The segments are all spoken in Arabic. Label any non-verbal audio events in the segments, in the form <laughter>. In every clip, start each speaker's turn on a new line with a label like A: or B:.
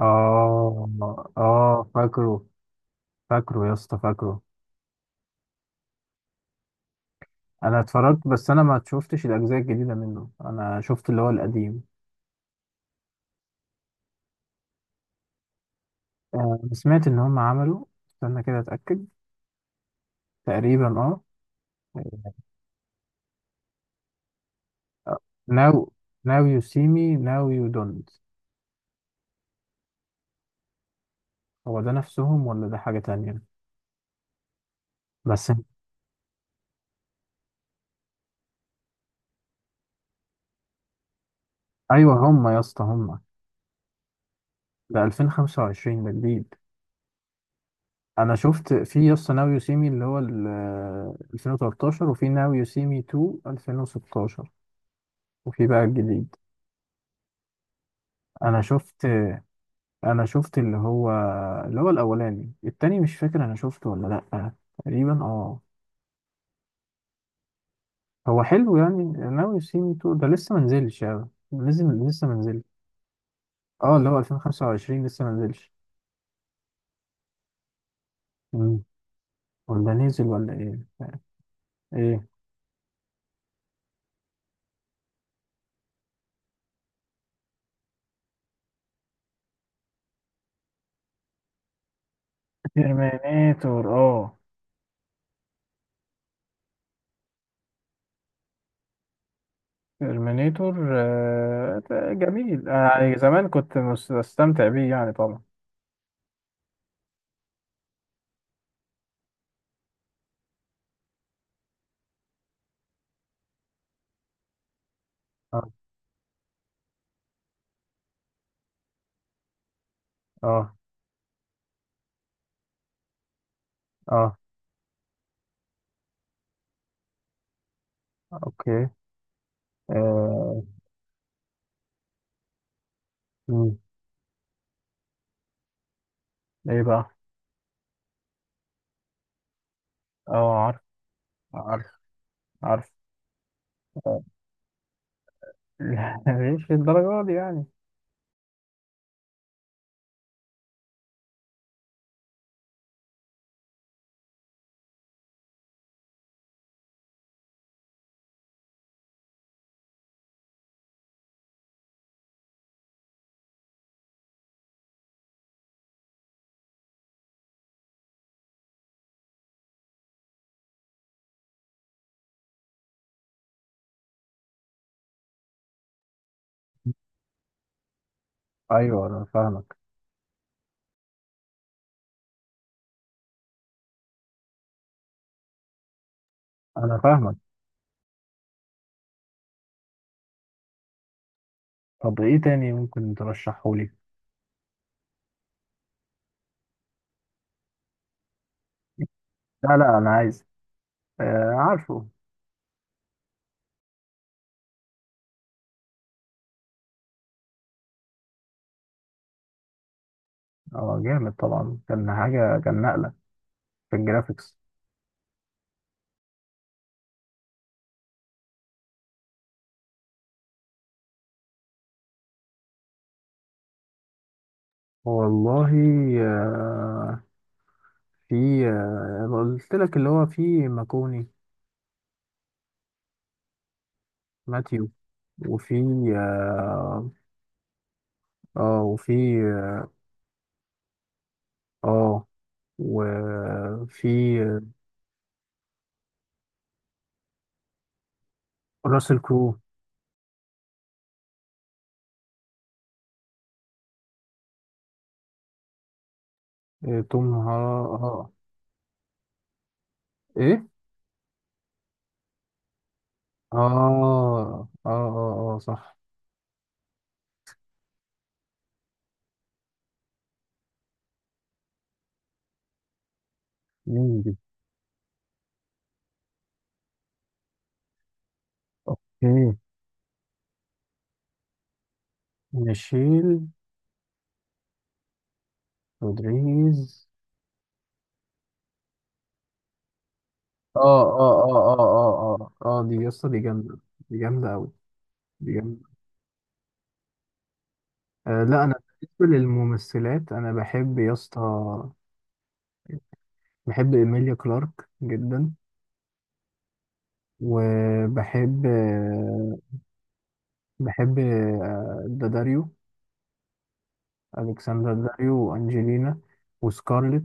A: اه. اه. فاكره فاكره يا اسطى، فاكره. انا اتفرجت، بس انا ما شفتش الاجزاء الجديده منه، انا شفت اللي هو القديم. آه، سمعت ان هم عملوا. استنى كده اتاكد. تقريبا اه. ناو ناو يو سي مي ناو يو دونت. هو ده نفسهم ولا ده حاجه تانية؟ بس ايوه هم يا اسطى، هم. ده 2025 ده جديد. انا شفت في يا اسطى ناو يو سي مي اللي هو 2013، وفي ناو يو سي مي 2 2016، وفي بقى الجديد. انا شفت انا شفت اللي هو الاولاني. التاني مش فاكر انا شفته ولا لا، تقريبا اه. هو حلو يعني، ناوي يو سي مي تو ده لسه منزلش، يعني لازم لسه منزلش. اه، اللي هو 2025 لسه منزلش. مم. ولا نزل ولا ايه؟ ايه؟ ترمينيتور. اه، ترمينيتور. آه، ده جميل. انا يعني زمان كنت بستمتع بيه يعني طبعا. اه. اه. اه. اوكي. آه. مم. ايه بقى؟ اه، عارف، عارف، عارف. <laughs> لا، مش للدرجة دي يعني. ايوه انا فاهمك، انا فاهمك طب ايه تاني ممكن ترشحه لي؟ لا لا، انا عايز. آه، عارفه. اه جامد طبعا، كان حاجه، كان نقله في الجرافيكس. والله. آه. في. آه قلت لك اللي هو، في ماكوني، ماتيو. وفي. اه. آه، وفي. اه. آه، وفي. آه، راسل كرو. آه، توم اه. ايه. اه اه اه اه، صح. مين دي؟ اوكي. نشيل. رودريجيز. اه اه اه اه اه اه اه، دي يسطا، دي جامدة. دي جامدة أوي. دي جامدة. آه، لا أنا. بالنسبة للممثلات أنا بحب يسطا، بحب إيميليا كلارك جدا. وبحب آه، بحب داداريو. ألكسندر داريو، وأنجلينا، وسكارلت،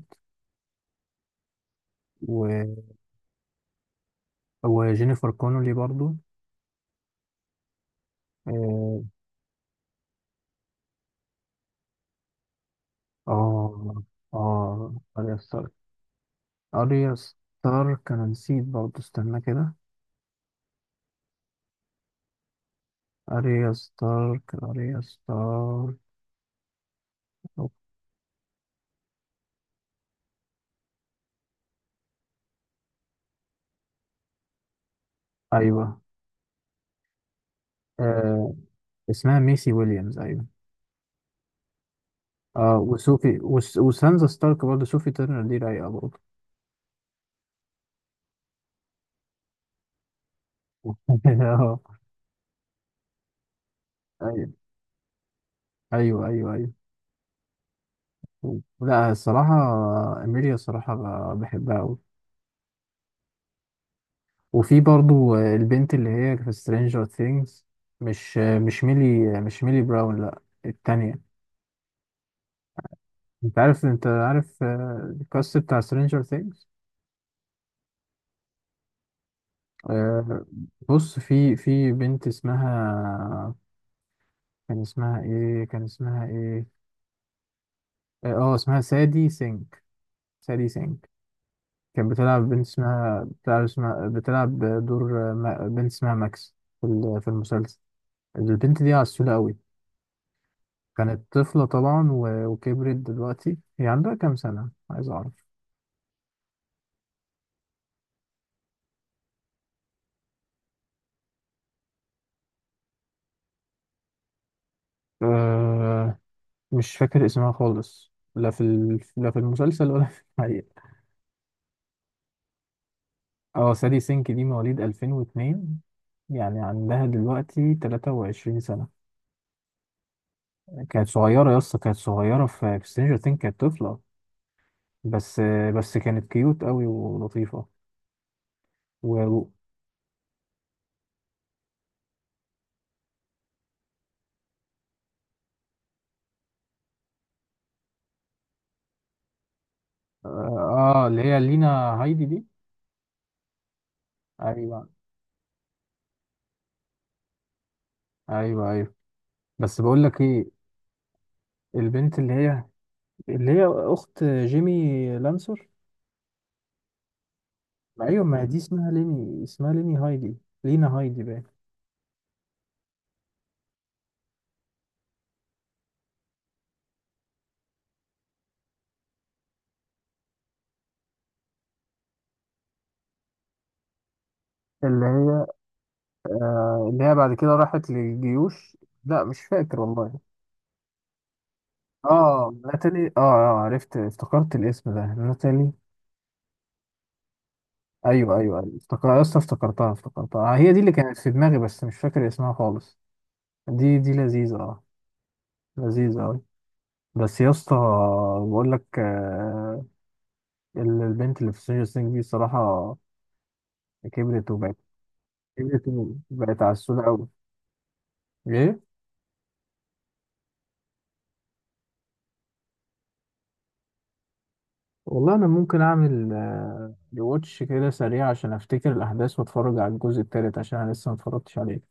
A: و... وجينيفر كونولي برضو. آه. اه. اه، اريا ستارك، اريا ستارك، انا نسيت برضه، استنى كده. اريا ستارك، اريا ستارك. أوك. ايوه. آه، اسمها ميسي ويليامز، ايوه. اه، وسوفي، وسانزا ستارك برضه، سوفي تيرنر دي رايقه برضه. <laughs> اه. ايوه ايوه ايوه، ايوه. لا الصراحه. اميليا الصراحه بحبها قوي. وفي برضه البنت اللي هي في سترينجر ثينجز. مش ميلي، مش ميلي براون، لا التانية. انت عارف آه، الكاست بتاع سترينجر ثينجز. بص، في بنت اسمها. كان اسمها ايه؟ كان اسمها ايه؟ اسمها سادي سينك. سادي سينك. كانت بتلعب بنت، اسمها بتلعب، اسمها بتلعب دور آه، بنت اسمها ماكس في في المسلسل. البنت دي عسولة قوي. كانت طفلة طبعا، وكبرت دلوقتي. هي عندها كام سنة؟ عايز اعرف. أه. مش فاكر اسمها خالص، لا لا في المسلسل ولا في الحقيقة. اه، سالي سينك دي مواليد 2002، يعني عندها دلوقتي 23 سنة. كانت صغيرة يا اسطى، كانت صغيرة في سترينجر ثينج، كانت طفلة بس. بس كانت كيوت قوي ولطيفة. و... و- اه، اللي هي لينا هايدي دي. ايوه ايوه ايوه. بس بقول لك ايه. البنت اللي هي، اخت جيمي لانسر. ايوه، ما هي دي اسمها ليني، اسمها ليني هايدي، لينا هايدي بقى. اللي هي اللي هي بعد كده راحت للجيوش. لا، مش فاكر والله. اه، ناتالي. اه، اه، عرفت، افتكرت الاسم ده، ناتالي. ايوه ايوه ايوه، افتكر اصلا، افتكرتها آه، هي دي اللي كانت في دماغي، بس مش فاكر اسمها خالص. دي لذيذة، اه. لذيذة اوي. بس يا اسطى، بقول لك آه. البنت اللي في سينجر سينج دي صراحة. كبرت وبقت كبرت وبقت عسولة اوي. ايه. والله انا ممكن اعمل ريواتش كده سريع عشان افتكر الاحداث، واتفرج على الجزء التالت عشان انا لسه ما اتفرجتش عليه.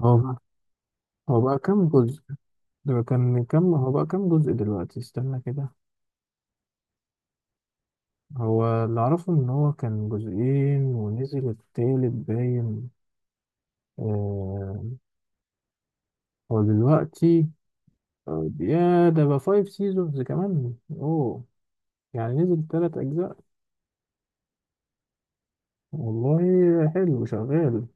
A: هو بقى هو بقى كام جزء؟ ده كان كام، هو بقى كام جزء دلوقتي؟ استنى كده. هو اللي اعرفه ان هو كان جزئين، ونزل التالت باين. آه. هو دلوقتي آه، يا ده بقى فايف سيزونز كمان، اوه. يعني نزل تلات اجزاء. والله حلو شغال.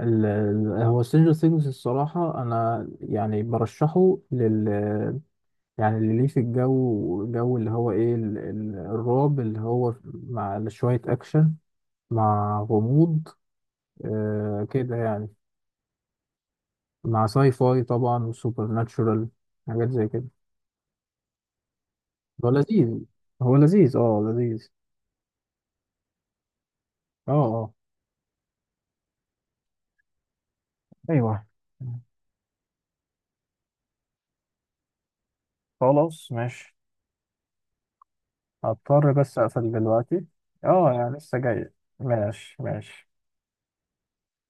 A: هو سترينجر ثينجز الصراحة، أنا يعني برشحه لل. يعني اللي ليه في الجو، جو اللي هو إيه الرعب اللي هو مع شوية أكشن. مع غموض، آه كده يعني. مع ساي فاي طبعا، وسوبر ناتشورال. حاجات زي كده. هو لذيذ، هو لذيذ، اه لذيذ. اه. اه. ايوه. خلاص ماشي. هضطر بس أقفل دلوقتي. اه، يعني لسه جاي. ماشي، ماشي.